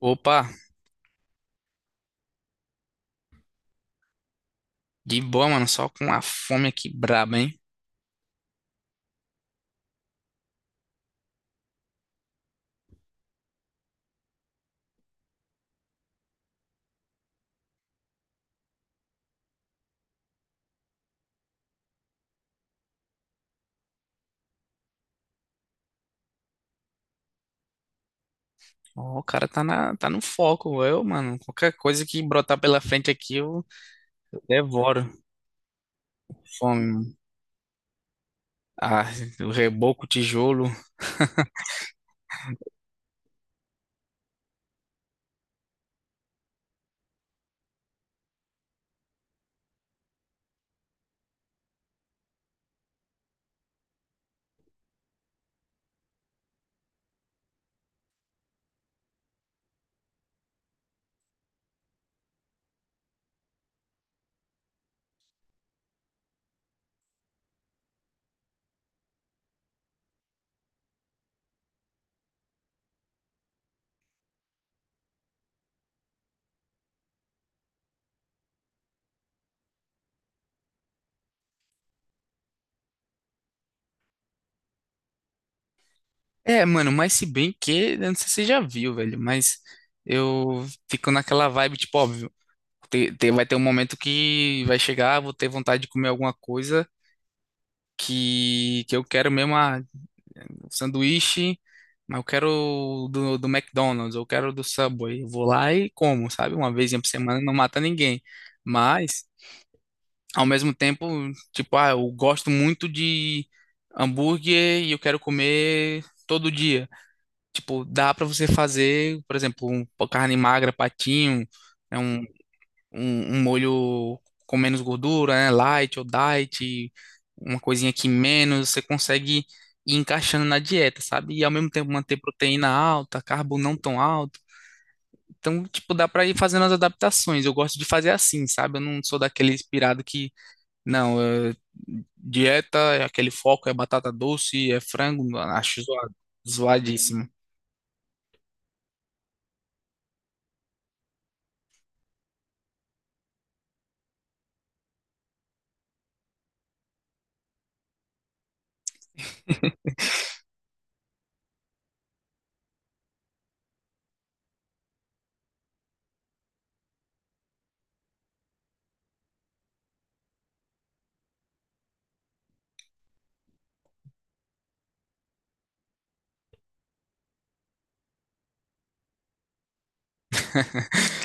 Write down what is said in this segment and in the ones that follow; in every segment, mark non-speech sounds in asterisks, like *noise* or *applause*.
Opa, de boa, mano. Só com a fome aqui braba, hein? Ó, o cara tá, na, tá no foco. Eu, mano, qualquer coisa que brotar pela frente aqui, eu devoro. Fome, mano. Ah, o reboco, o tijolo. *laughs* É, mano, mas se bem que, eu não sei se você já viu, velho, mas eu fico naquela vibe, tipo, óbvio, vai ter um momento que vai chegar, vou ter vontade de comer alguma coisa que eu quero mesmo, ah, sanduíche, mas eu quero do McDonald's, eu quero do Subway. Eu vou lá e como, sabe? Uma vez por semana não mata ninguém. Mas, ao mesmo tempo, tipo, ah, eu gosto muito de hambúrguer e eu quero comer todo dia. Tipo, dá pra você fazer, por exemplo, uma carne magra, patinho, né, um molho com menos gordura, né? Light ou diet, uma coisinha que menos, você consegue ir encaixando na dieta, sabe? E ao mesmo tempo manter proteína alta, carbo não tão alto. Então, tipo, dá pra ir fazendo as adaptações. Eu gosto de fazer assim, sabe? Eu não sou daquele inspirado que, não, dieta, é aquele foco é batata doce, é frango, acho zoado, zoadíssimo. Hum. *laughs*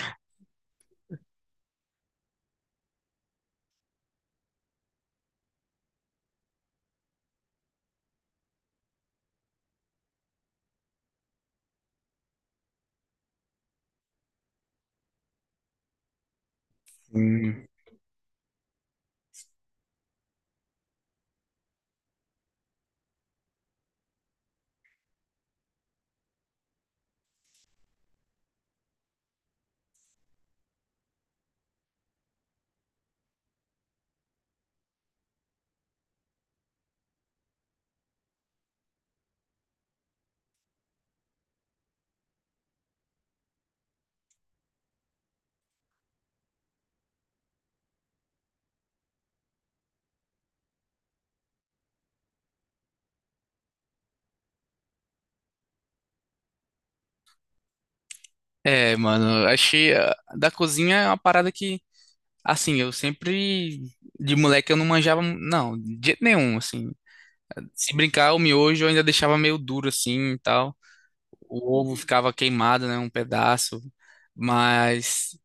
É, mano, achei ah, da cozinha é uma parada que assim, eu sempre, de moleque, eu não manjava, não, de jeito nenhum, assim. Se brincar, o miojo eu ainda deixava meio duro, assim, e tal. O ovo ficava queimado, né, um pedaço. Mas,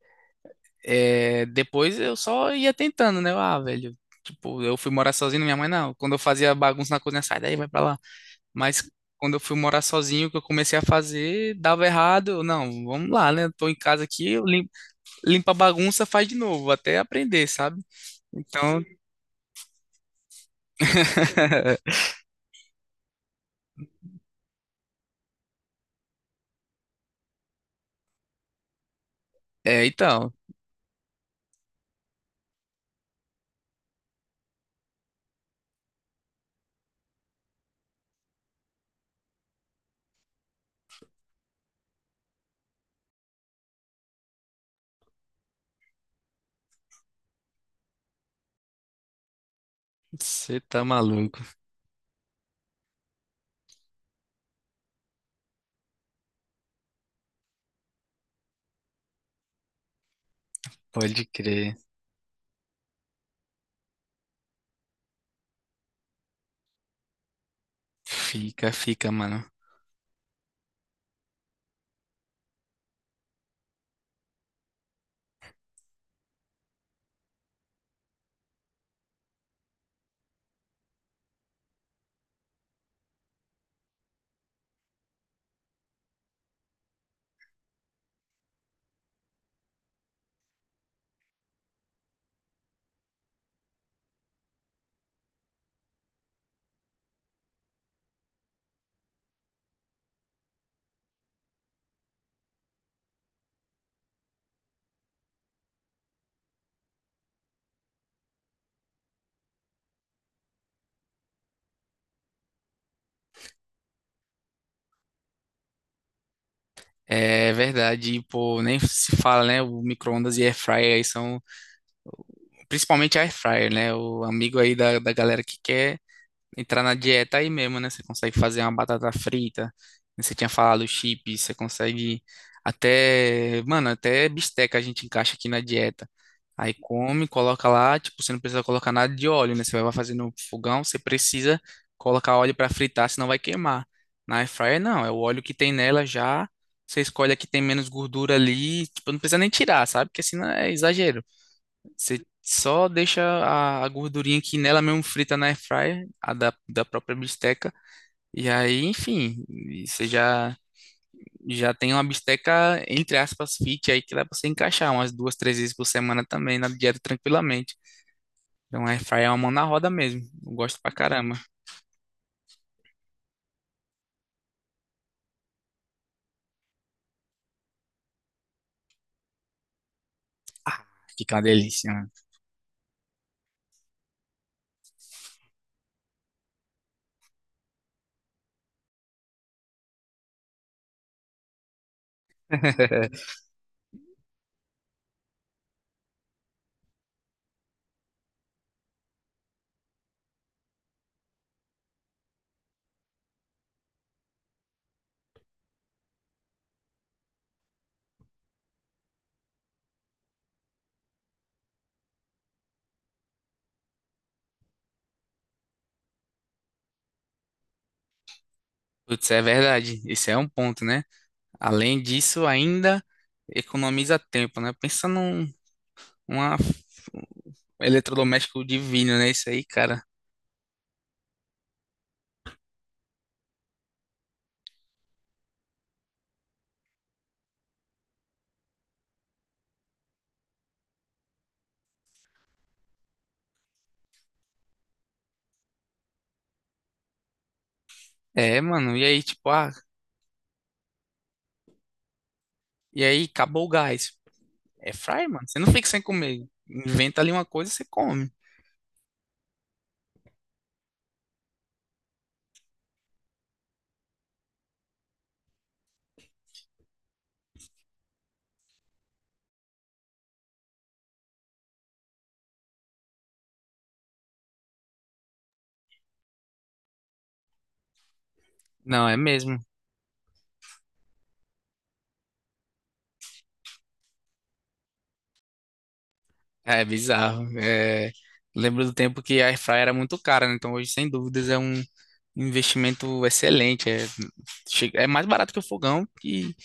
é, depois eu só ia tentando, né, eu, ah, velho. Tipo, eu fui morar sozinho, minha mãe, não. Quando eu fazia bagunça na cozinha, sai daí, vai pra lá. Mas quando eu fui morar sozinho, que eu comecei a fazer, dava errado. Eu, não, vamos lá, né? Tô em casa aqui, limpa a bagunça, faz de novo, até aprender, sabe? Então, *laughs* é, então, você tá maluco, pode crer. Fica, fica, mano. É verdade, e, pô, nem se fala, né? O micro-ondas e air fryer aí são, principalmente a air fryer, né? O amigo aí da galera que quer entrar na dieta aí mesmo, né? Você consegue fazer uma batata frita, né? Você tinha falado chips, você consegue até, mano, até bisteca a gente encaixa aqui na dieta. Aí come, coloca lá, tipo, você não precisa colocar nada de óleo, né? Você vai fazer no fogão, você precisa colocar óleo para fritar, senão vai queimar. Na air fryer não, é o óleo que tem nela já. Você escolhe a que tem menos gordura ali, tipo, não precisa nem tirar, sabe? Porque senão é exagero. Você só deixa a gordurinha que nela mesmo frita na airfryer, a da própria bisteca. E aí, enfim, e você já tem uma bisteca, entre aspas, fit aí que dá pra você encaixar umas duas, três vezes por semana também na dieta tranquilamente. Então, a airfryer é uma mão na roda mesmo. Eu gosto pra caramba. Ah, fica uma delícia, mano. *laughs* Putz, é verdade. Isso é um ponto, né? Além disso, ainda economiza tempo, né? Pensa num, uma, eletrodoméstico divino, né? Isso aí, cara. É, mano. E aí, tipo, ah, e aí, acabou o gás. É fryer, mano. Você não fica sem comer. Inventa ali uma coisa e você come. Não, é mesmo. É bizarro. É... Lembro do tempo que a air fryer era muito cara, né? Então hoje, sem dúvidas, é um investimento excelente. É, chega- é mais barato que o fogão e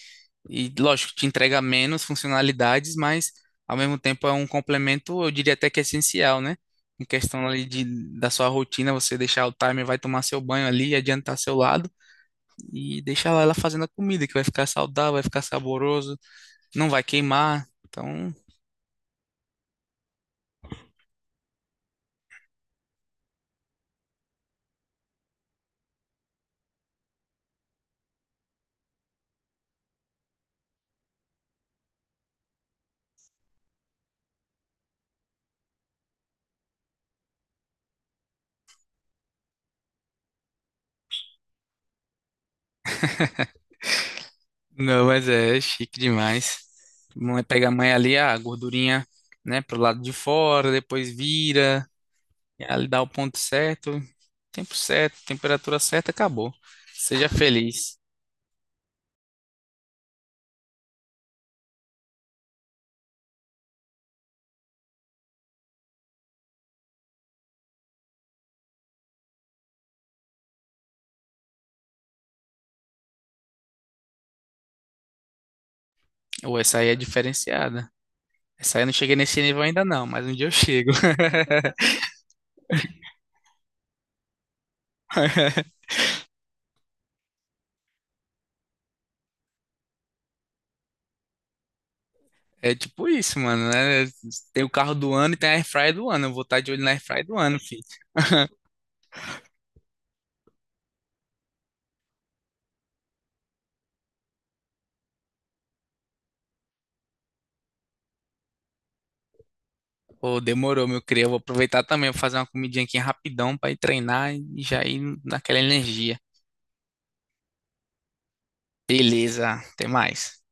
E lógico, te entrega menos funcionalidades, mas ao mesmo tempo é um complemento, eu diria até que essencial, né? Em questão ali de, da sua rotina, você deixar o timer, vai tomar seu banho ali, adiantar seu lado e deixar lá ela fazendo a comida, que vai ficar saudável, vai ficar saboroso, não vai queimar. Então, não, mas é chique demais. Mãe pega a mãe ali, a gordurinha, né, pro lado de fora, depois vira, e ali dá o ponto certo, tempo certo, temperatura certa, acabou. Seja feliz. Ou essa aí é diferenciada. Essa aí eu não cheguei nesse nível ainda não, mas um dia eu chego. *laughs* É tipo isso, mano, né? Tem o carro do ano e tem a airfryer do ano. Eu vou estar de olho na airfryer do ano, filho. Pô, demorou, meu cria. Eu vou aproveitar também, vou fazer uma comidinha aqui rapidão pra ir treinar e já ir naquela energia. Beleza, até mais.